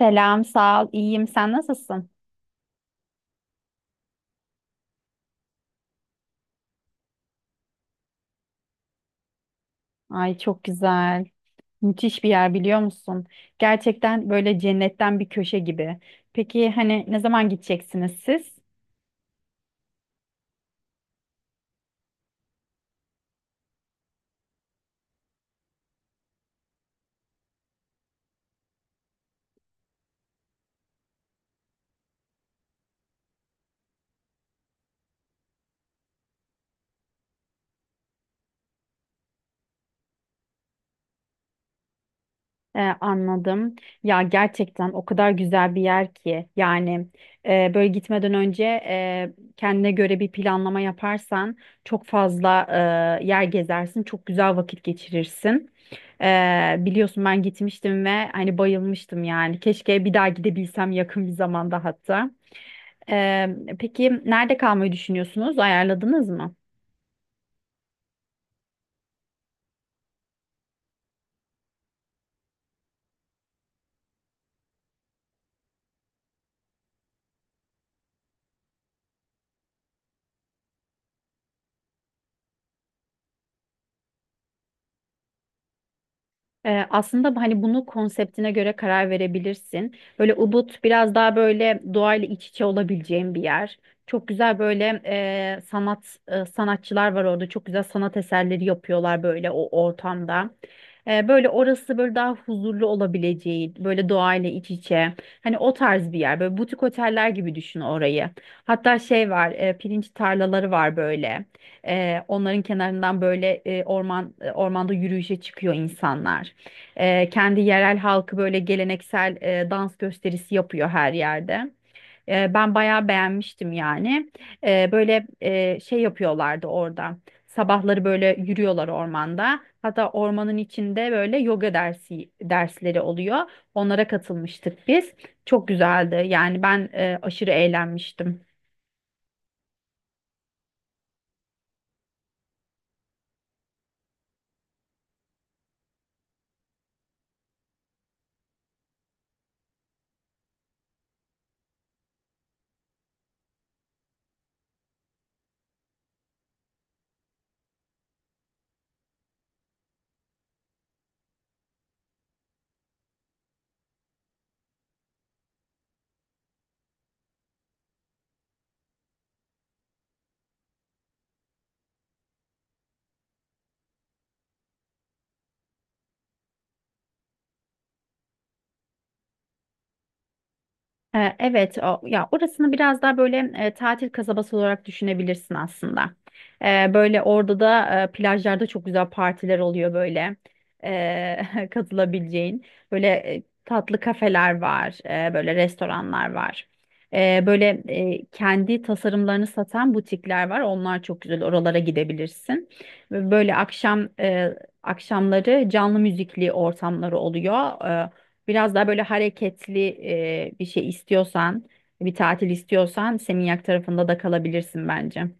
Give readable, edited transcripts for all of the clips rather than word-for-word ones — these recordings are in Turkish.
Selam, sağ ol. İyiyim. Sen nasılsın? Ay çok güzel. Müthiş bir yer biliyor musun? Gerçekten böyle cennetten bir köşe gibi. Peki hani ne zaman gideceksiniz siz? Anladım. Ya gerçekten o kadar güzel bir yer ki yani böyle gitmeden önce kendine göre bir planlama yaparsan çok fazla yer gezersin, çok güzel vakit geçirirsin. Biliyorsun ben gitmiştim ve hani bayılmıştım yani. Keşke bir daha gidebilsem yakın bir zamanda hatta. Peki nerede kalmayı düşünüyorsunuz? Ayarladınız mı? Aslında hani bunu konseptine göre karar verebilirsin. Böyle Ubud biraz daha böyle doğayla iç içe olabileceğin bir yer. Çok güzel böyle sanatçılar var orada. Çok güzel sanat eserleri yapıyorlar böyle o ortamda. Böyle orası böyle daha huzurlu olabileceği, böyle doğayla iç içe. Hani o tarz bir yer. Böyle butik oteller gibi düşün orayı. Hatta şey var, pirinç tarlaları var böyle. Onların kenarından böyle ormanda yürüyüşe çıkıyor insanlar. Kendi yerel halkı böyle geleneksel dans gösterisi yapıyor her yerde. Ben bayağı beğenmiştim yani. Böyle şey yapıyorlardı orada. Sabahları böyle yürüyorlar ormanda. Hatta ormanın içinde böyle yoga dersleri oluyor. Onlara katılmıştık biz. Çok güzeldi. Yani ben aşırı eğlenmiştim. Evet, ya orasını biraz daha böyle tatil kasabası olarak düşünebilirsin aslında. Böyle orada da plajlarda çok güzel partiler oluyor böyle katılabileceğin. Böyle tatlı kafeler var, böyle restoranlar var. Böyle kendi tasarımlarını satan butikler var. Onlar çok güzel. Oralara gidebilirsin. Ve böyle akşamları canlı müzikli ortamları oluyor. Biraz daha böyle hareketli bir şey istiyorsan, bir tatil istiyorsan Seminyak tarafında da kalabilirsin bence.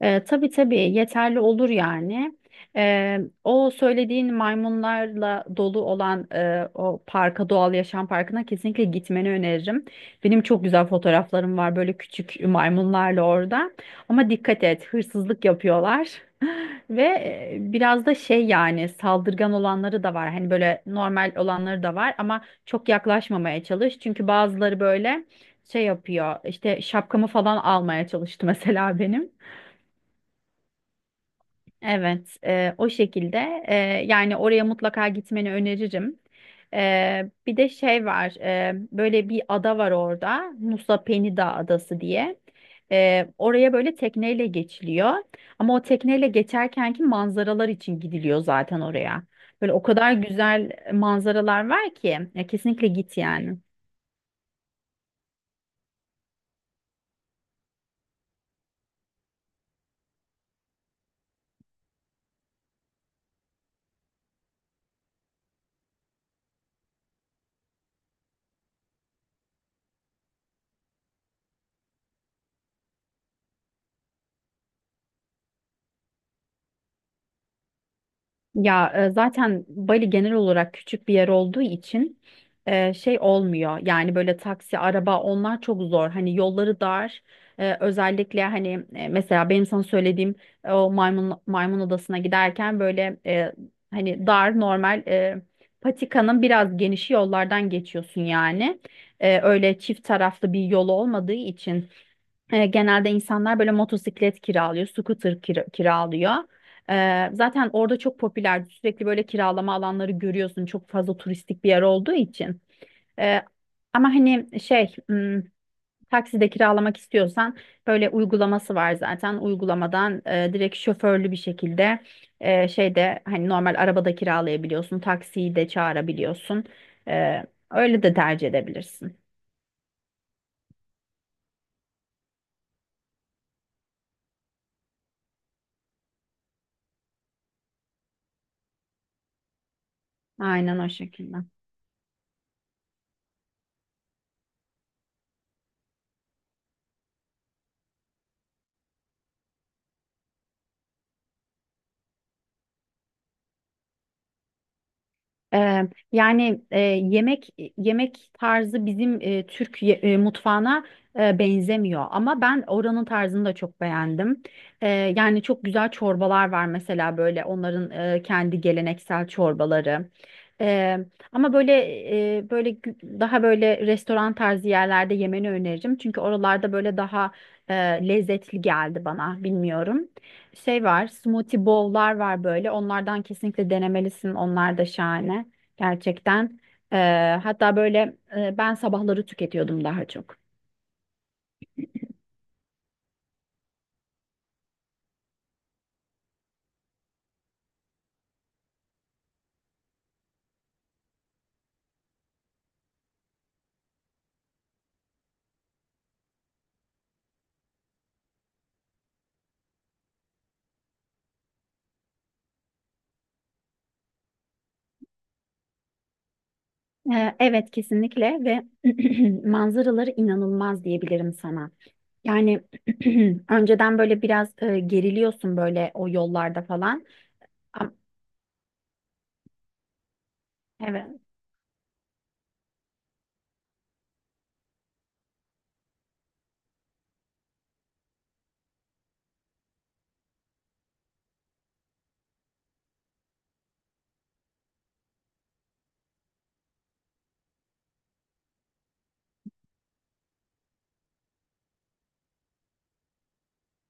Tabii tabii yeterli olur yani. O söylediğin maymunlarla dolu olan o parka, doğal yaşam parkına kesinlikle gitmeni öneririm. Benim çok güzel fotoğraflarım var böyle küçük maymunlarla orada. Ama dikkat et, hırsızlık yapıyorlar. Ve biraz da şey yani saldırgan olanları da var. Hani böyle normal olanları da var ama çok yaklaşmamaya çalış. Çünkü bazıları böyle şey yapıyor. İşte şapkamı falan almaya çalıştı mesela benim. Evet, o şekilde yani oraya mutlaka gitmeni öneririm. Bir de şey var, böyle bir ada var orada, Nusa Penida Adası diye. Oraya böyle tekneyle geçiliyor. Ama o tekneyle geçerkenki manzaralar için gidiliyor zaten oraya. Böyle o kadar güzel manzaralar var ki, ya kesinlikle git yani. Ya zaten Bali genel olarak küçük bir yer olduğu için şey olmuyor. Yani böyle taksi, araba onlar çok zor. Hani yolları dar. Özellikle hani mesela benim sana söylediğim o maymun odasına giderken böyle hani dar normal patikanın biraz genişi yollardan geçiyorsun yani. Öyle çift taraflı bir yolu olmadığı için. Genelde insanlar böyle motosiklet kiralıyor, scooter kiralıyor. Zaten orada çok popüler. Sürekli böyle kiralama alanları görüyorsun. Çok fazla turistik bir yer olduğu için. E, ama hani şey, takside kiralamak istiyorsan böyle uygulaması var zaten. Uygulamadan direkt şoförlü bir şekilde şeyde hani normal arabada kiralayabiliyorsun. Taksiyi de çağırabiliyorsun. E, öyle de tercih edebilirsin. Aynen o şekilde. Yani yemek tarzı bizim Türk mutfağına benzemiyor ama ben oranın tarzını da çok beğendim. Ee, yani çok güzel çorbalar var mesela böyle onların kendi geleneksel çorbaları. Ee, ama böyle daha böyle restoran tarzı yerlerde yemeni öneririm çünkü oralarda böyle daha e, lezzetli geldi bana bilmiyorum. Şey var, smoothie bowl'lar var böyle. Onlardan kesinlikle denemelisin. Onlar da şahane. Gerçekten. Ee, hatta böyle ben sabahları tüketiyordum daha çok. Evet kesinlikle ve manzaraları inanılmaz diyebilirim sana. Yani önceden böyle biraz geriliyorsun böyle o yollarda falan. Ama, evet.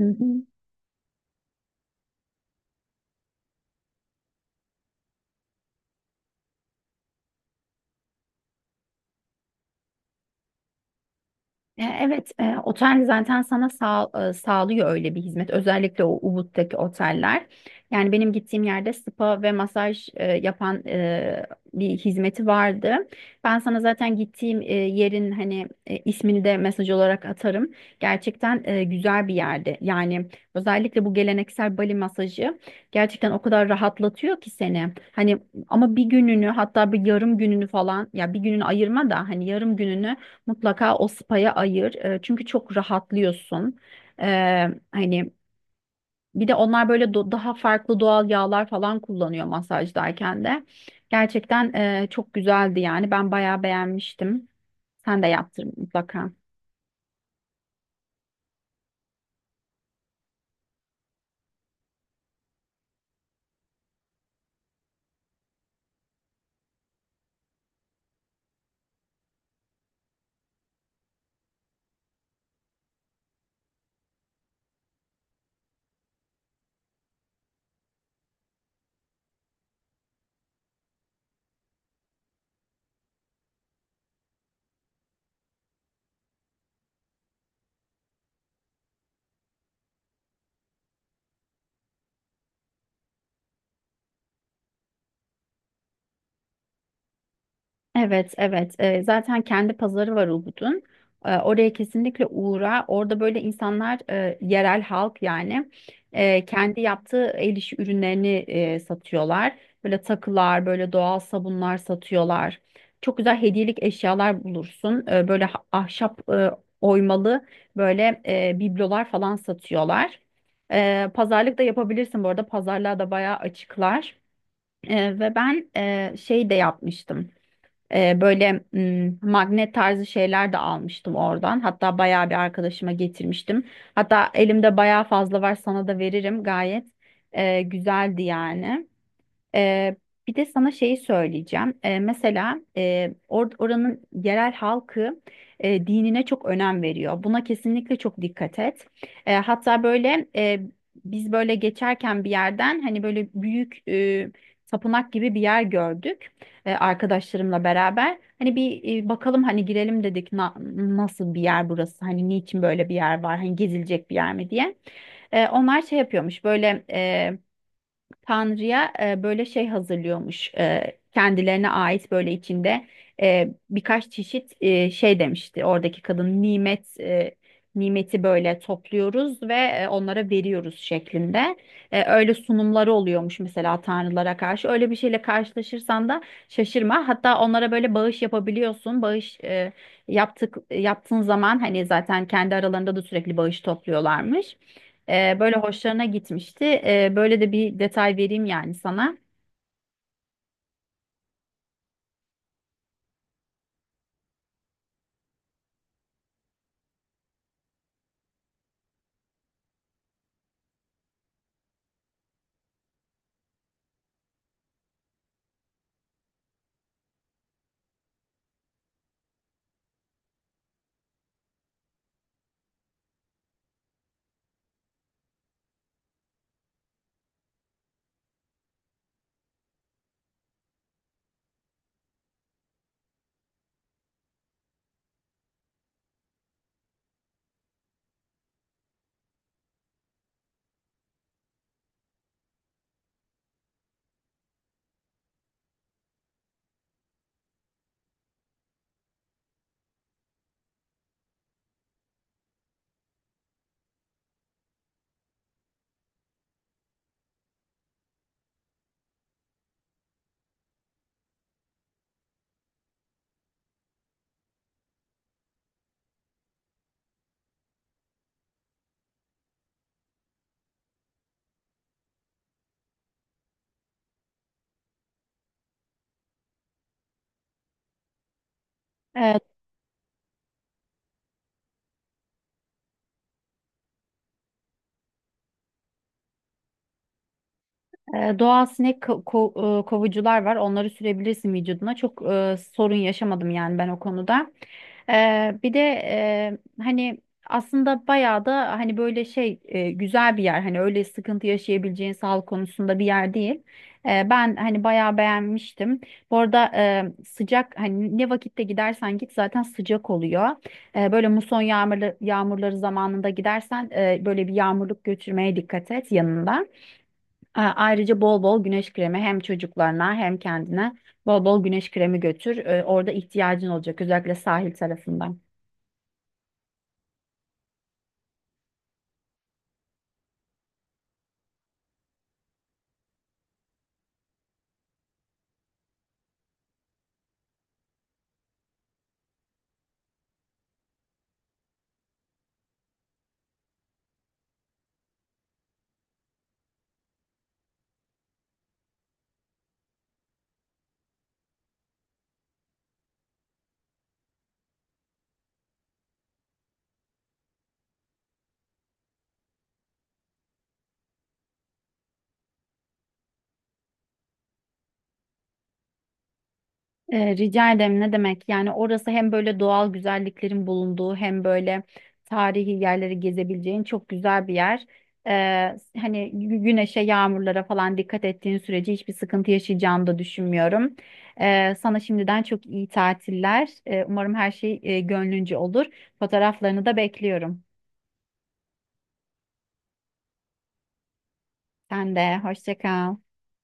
Hı hı. Evet, otel zaten sana sağlıyor öyle bir hizmet. Özellikle o Ubud'daki oteller. Yani benim gittiğim yerde spa ve masaj yapan bir hizmeti vardı. Ben sana zaten gittiğim yerin hani ismini de mesaj olarak atarım. Gerçekten güzel bir yerde. Yani özellikle bu geleneksel Bali masajı gerçekten o kadar rahatlatıyor ki seni. Hani ama bir gününü hatta bir yarım gününü falan ya bir gününü ayırma da hani yarım gününü mutlaka o spa'ya ayır. Çünkü çok rahatlıyorsun. E, hani bir de onlar böyle daha farklı doğal yağlar falan kullanıyor masajdayken de. Gerçekten çok güzeldi yani. Ben bayağı beğenmiştim. Sen de yaptır mutlaka. Evet, evet. Zaten kendi pazarı var Ubud'un. Oraya kesinlikle uğra. Orada böyle insanlar, yerel halk yani, kendi yaptığı el işi ürünlerini satıyorlar. Böyle takılar, böyle doğal sabunlar satıyorlar. Çok güzel hediyelik eşyalar bulursun. Böyle ahşap oymalı böyle biblolar falan satıyorlar. Pazarlık da yapabilirsin bu arada. Pazarlığa da bayağı açıklar. Ve ben şey de yapmıştım. Böyle magnet tarzı şeyler de almıştım oradan. Hatta bayağı bir arkadaşıma getirmiştim. Hatta elimde bayağı fazla var sana da veririm gayet. Güzeldi yani. Ee, bir de sana şeyi söyleyeceğim. Mesela oranın yerel halkı dinine çok önem veriyor. Buna kesinlikle çok dikkat et. Hatta böyle biz böyle geçerken bir yerden hani böyle büyük tapınak gibi bir yer gördük arkadaşlarımla beraber. Hani bir bakalım hani girelim dedik nasıl bir yer burası? Hani niçin böyle bir yer var? Hani gezilecek bir yer mi diye. Onlar şey yapıyormuş böyle Tanrı'ya böyle şey hazırlıyormuş. Kendilerine ait böyle içinde birkaç çeşit şey demişti. Oradaki kadın nimeti böyle topluyoruz ve onlara veriyoruz şeklinde. Öyle sunumları oluyormuş mesela tanrılara karşı. Öyle bir şeyle karşılaşırsan da şaşırma. Hatta onlara böyle bağış yapabiliyorsun. Bağış yaptığın zaman hani zaten kendi aralarında da sürekli bağış topluyorlarmış. Böyle hoşlarına gitmişti. Böyle de bir detay vereyim yani sana. Doğal sinek kovucular var. Onları sürebilirsin vücuduna. Çok sorun yaşamadım yani ben o konuda. E, bir de hani aslında bayağı da hani böyle şey güzel bir yer. Hani öyle sıkıntı yaşayabileceğin sağlık konusunda bir yer değil. Ben hani bayağı beğenmiştim. Bu arada sıcak hani ne vakitte gidersen git zaten sıcak oluyor. Böyle muson yağmurları zamanında gidersen böyle bir yağmurluk götürmeye dikkat et yanında. Ayrıca bol bol güneş kremi hem çocuklarına hem kendine bol bol güneş kremi götür. Orada ihtiyacın olacak özellikle sahil tarafından. Rica ederim ne demek? Yani orası hem böyle doğal güzelliklerin bulunduğu hem böyle tarihi yerleri gezebileceğin çok güzel bir yer. E, hani güneşe, yağmurlara falan dikkat ettiğin sürece hiçbir sıkıntı yaşayacağını da düşünmüyorum. Sana şimdiden çok iyi tatiller. Umarım her şey gönlünce olur. Fotoğraflarını da bekliyorum. Sen de hoşça kal.